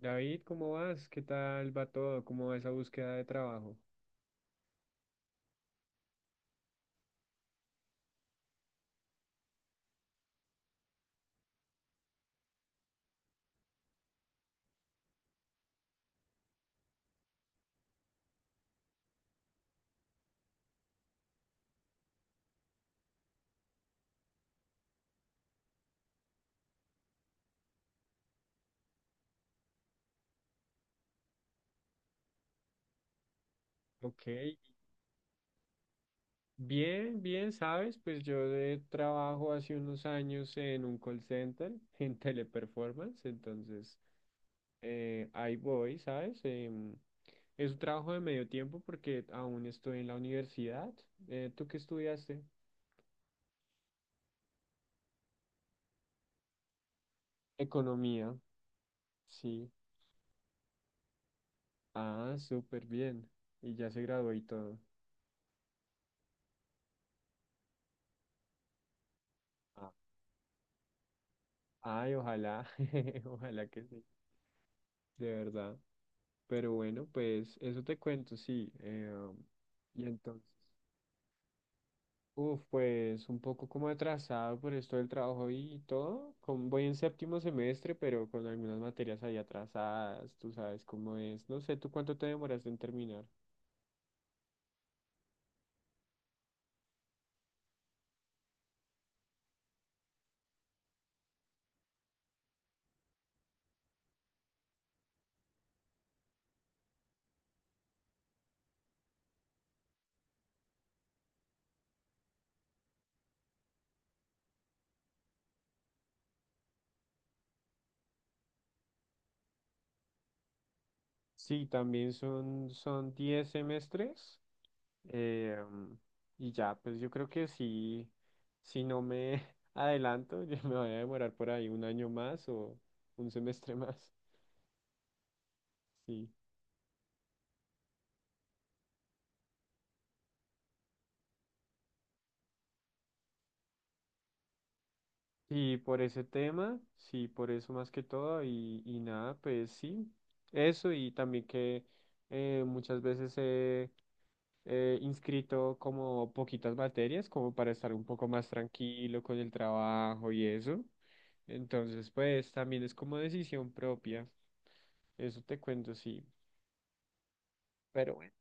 David, ¿cómo vas? ¿Qué tal va todo? ¿Cómo va esa búsqueda de trabajo? Ok, bien, bien, sabes, pues yo de trabajo hace unos años en un call center, en Teleperformance, entonces ahí voy, ¿sabes? Es un trabajo de medio tiempo porque aún estoy en la universidad. ¿Tú qué estudiaste? Economía, sí. Ah, súper bien. Y ya se graduó y todo. Ah, ay, ojalá, ojalá que sí, de verdad. Pero bueno, pues eso te cuento, sí. Y entonces, uf, pues un poco como atrasado por esto del trabajo y todo. Como voy en séptimo semestre, pero con algunas materias ahí atrasadas, tú sabes cómo es. No sé, ¿tú cuánto te demoras en terminar? Sí, también son 10 semestres. eh, y ya, pues yo creo que sí, si no me adelanto, yo me voy a demorar por ahí un año más o un semestre más. Sí. Y por ese tema, sí, por eso más que todo, y nada, pues sí, eso y también que muchas veces he inscrito como poquitas materias, como para estar un poco más tranquilo con el trabajo y eso. Entonces, pues también es como decisión propia, eso te cuento, sí, pero bueno.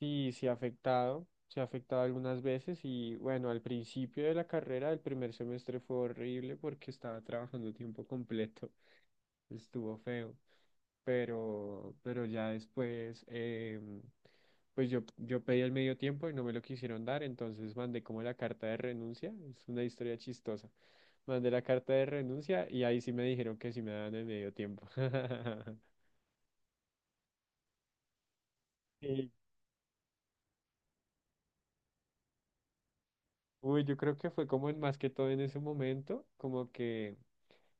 Sí, sí ha afectado, se ha afectado algunas veces y bueno, al principio de la carrera, el primer semestre fue horrible porque estaba trabajando tiempo completo, estuvo feo, pero ya después, pues yo pedí el medio tiempo y no me lo quisieron dar, entonces mandé como la carta de renuncia, es una historia chistosa, mandé la carta de renuncia y ahí sí me dijeron que sí me daban el medio tiempo. Sí. Uy, yo creo que fue como en más que todo en ese momento, como que...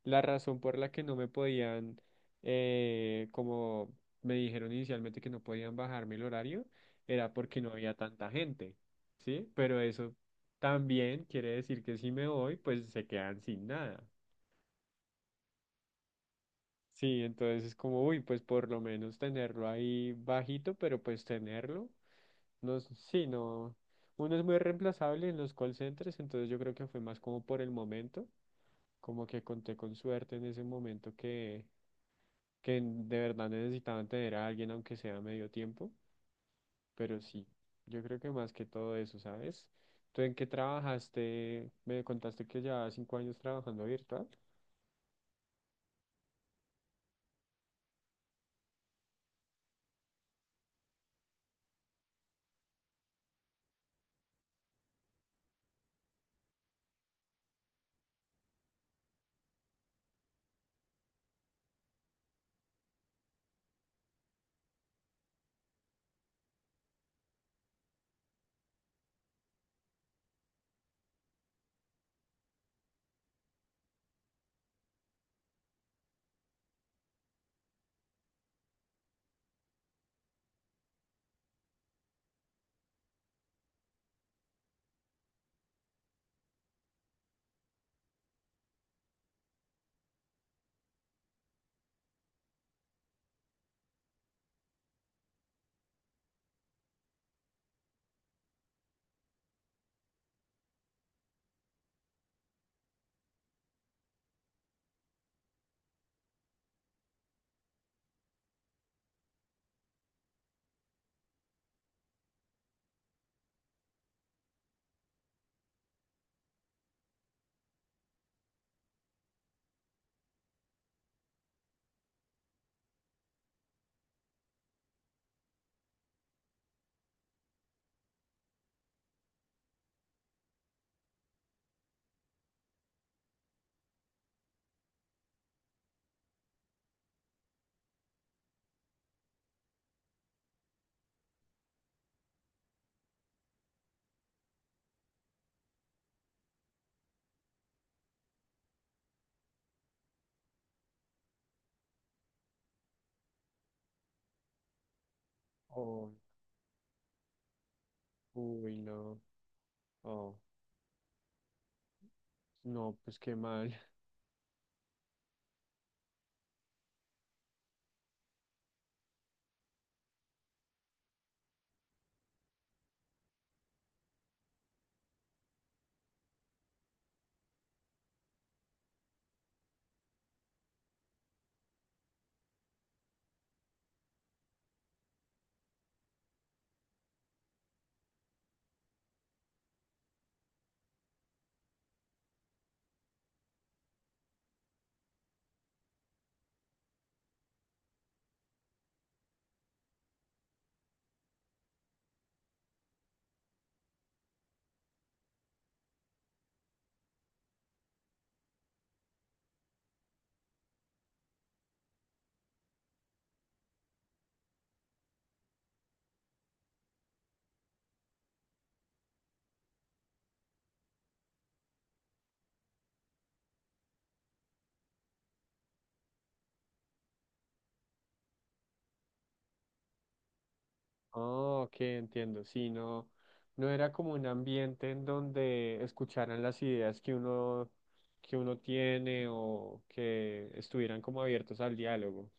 La razón por la que no me podían, como me dijeron inicialmente que no podían bajarme el horario, era porque no había tanta gente, ¿sí? Pero eso también quiere decir que si me voy, pues se quedan sin nada. Sí, entonces es como, uy, pues por lo menos tenerlo ahí bajito, pero pues tenerlo, no, sí, no, uno es muy reemplazable en los call centers, entonces yo creo que fue más como por el momento, como que conté con suerte en ese momento que de verdad necesitaban tener a alguien, aunque sea medio tiempo, pero sí, yo creo que más que todo eso, ¿sabes? ¿Tú en qué trabajaste? Me contaste que llevabas 5 años trabajando virtual. Oh, uy, no, oh, no, pues qué mal. Oh, ok, entiendo, sí, no, no era como un ambiente en donde escucharan las ideas que uno tiene o que estuvieran como abiertos al diálogo.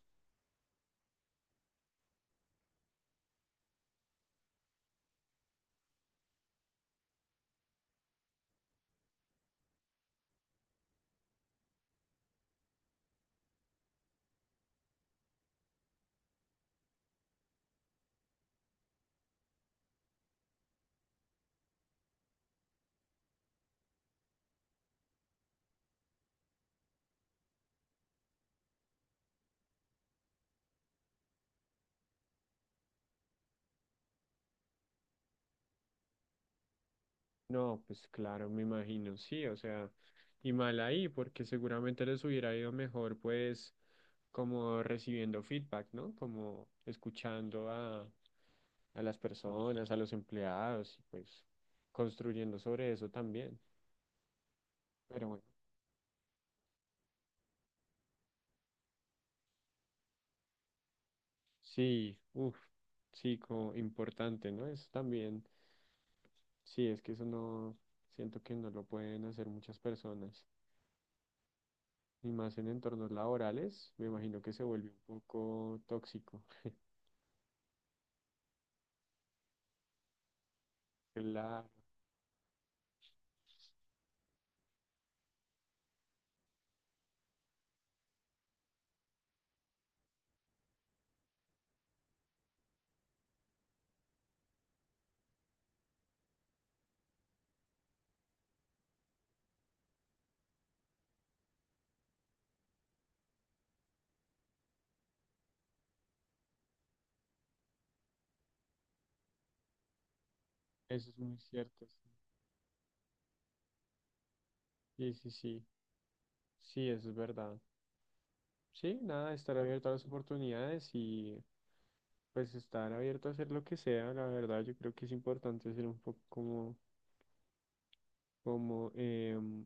No, pues claro, me imagino, sí, o sea, y mal ahí, porque seguramente les hubiera ido mejor, pues, como recibiendo feedback, ¿no? Como escuchando a las personas, a los empleados, y pues construyendo sobre eso también. Pero bueno, sí, uff, sí, como importante, ¿no? Eso también, sí, es que eso no, siento que no lo pueden hacer muchas personas. Y más en entornos laborales, me imagino que se vuelve un poco tóxico. Claro, eso es muy cierto. Sí, sí, sí, sí, sí, eso es verdad. Sí, nada, estar abierto a las oportunidades y pues estar abierto a hacer lo que sea, la verdad, yo creo que es importante ser un poco como, como,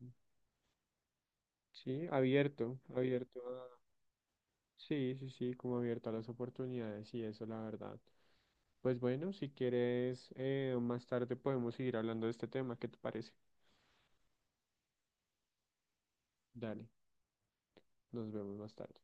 sí, abierto, abierto a, sí, sí, sí, como abierto a las oportunidades y eso, la verdad. Pues bueno, si quieres, más tarde podemos seguir hablando de este tema, ¿qué te parece? Dale, nos vemos más tarde.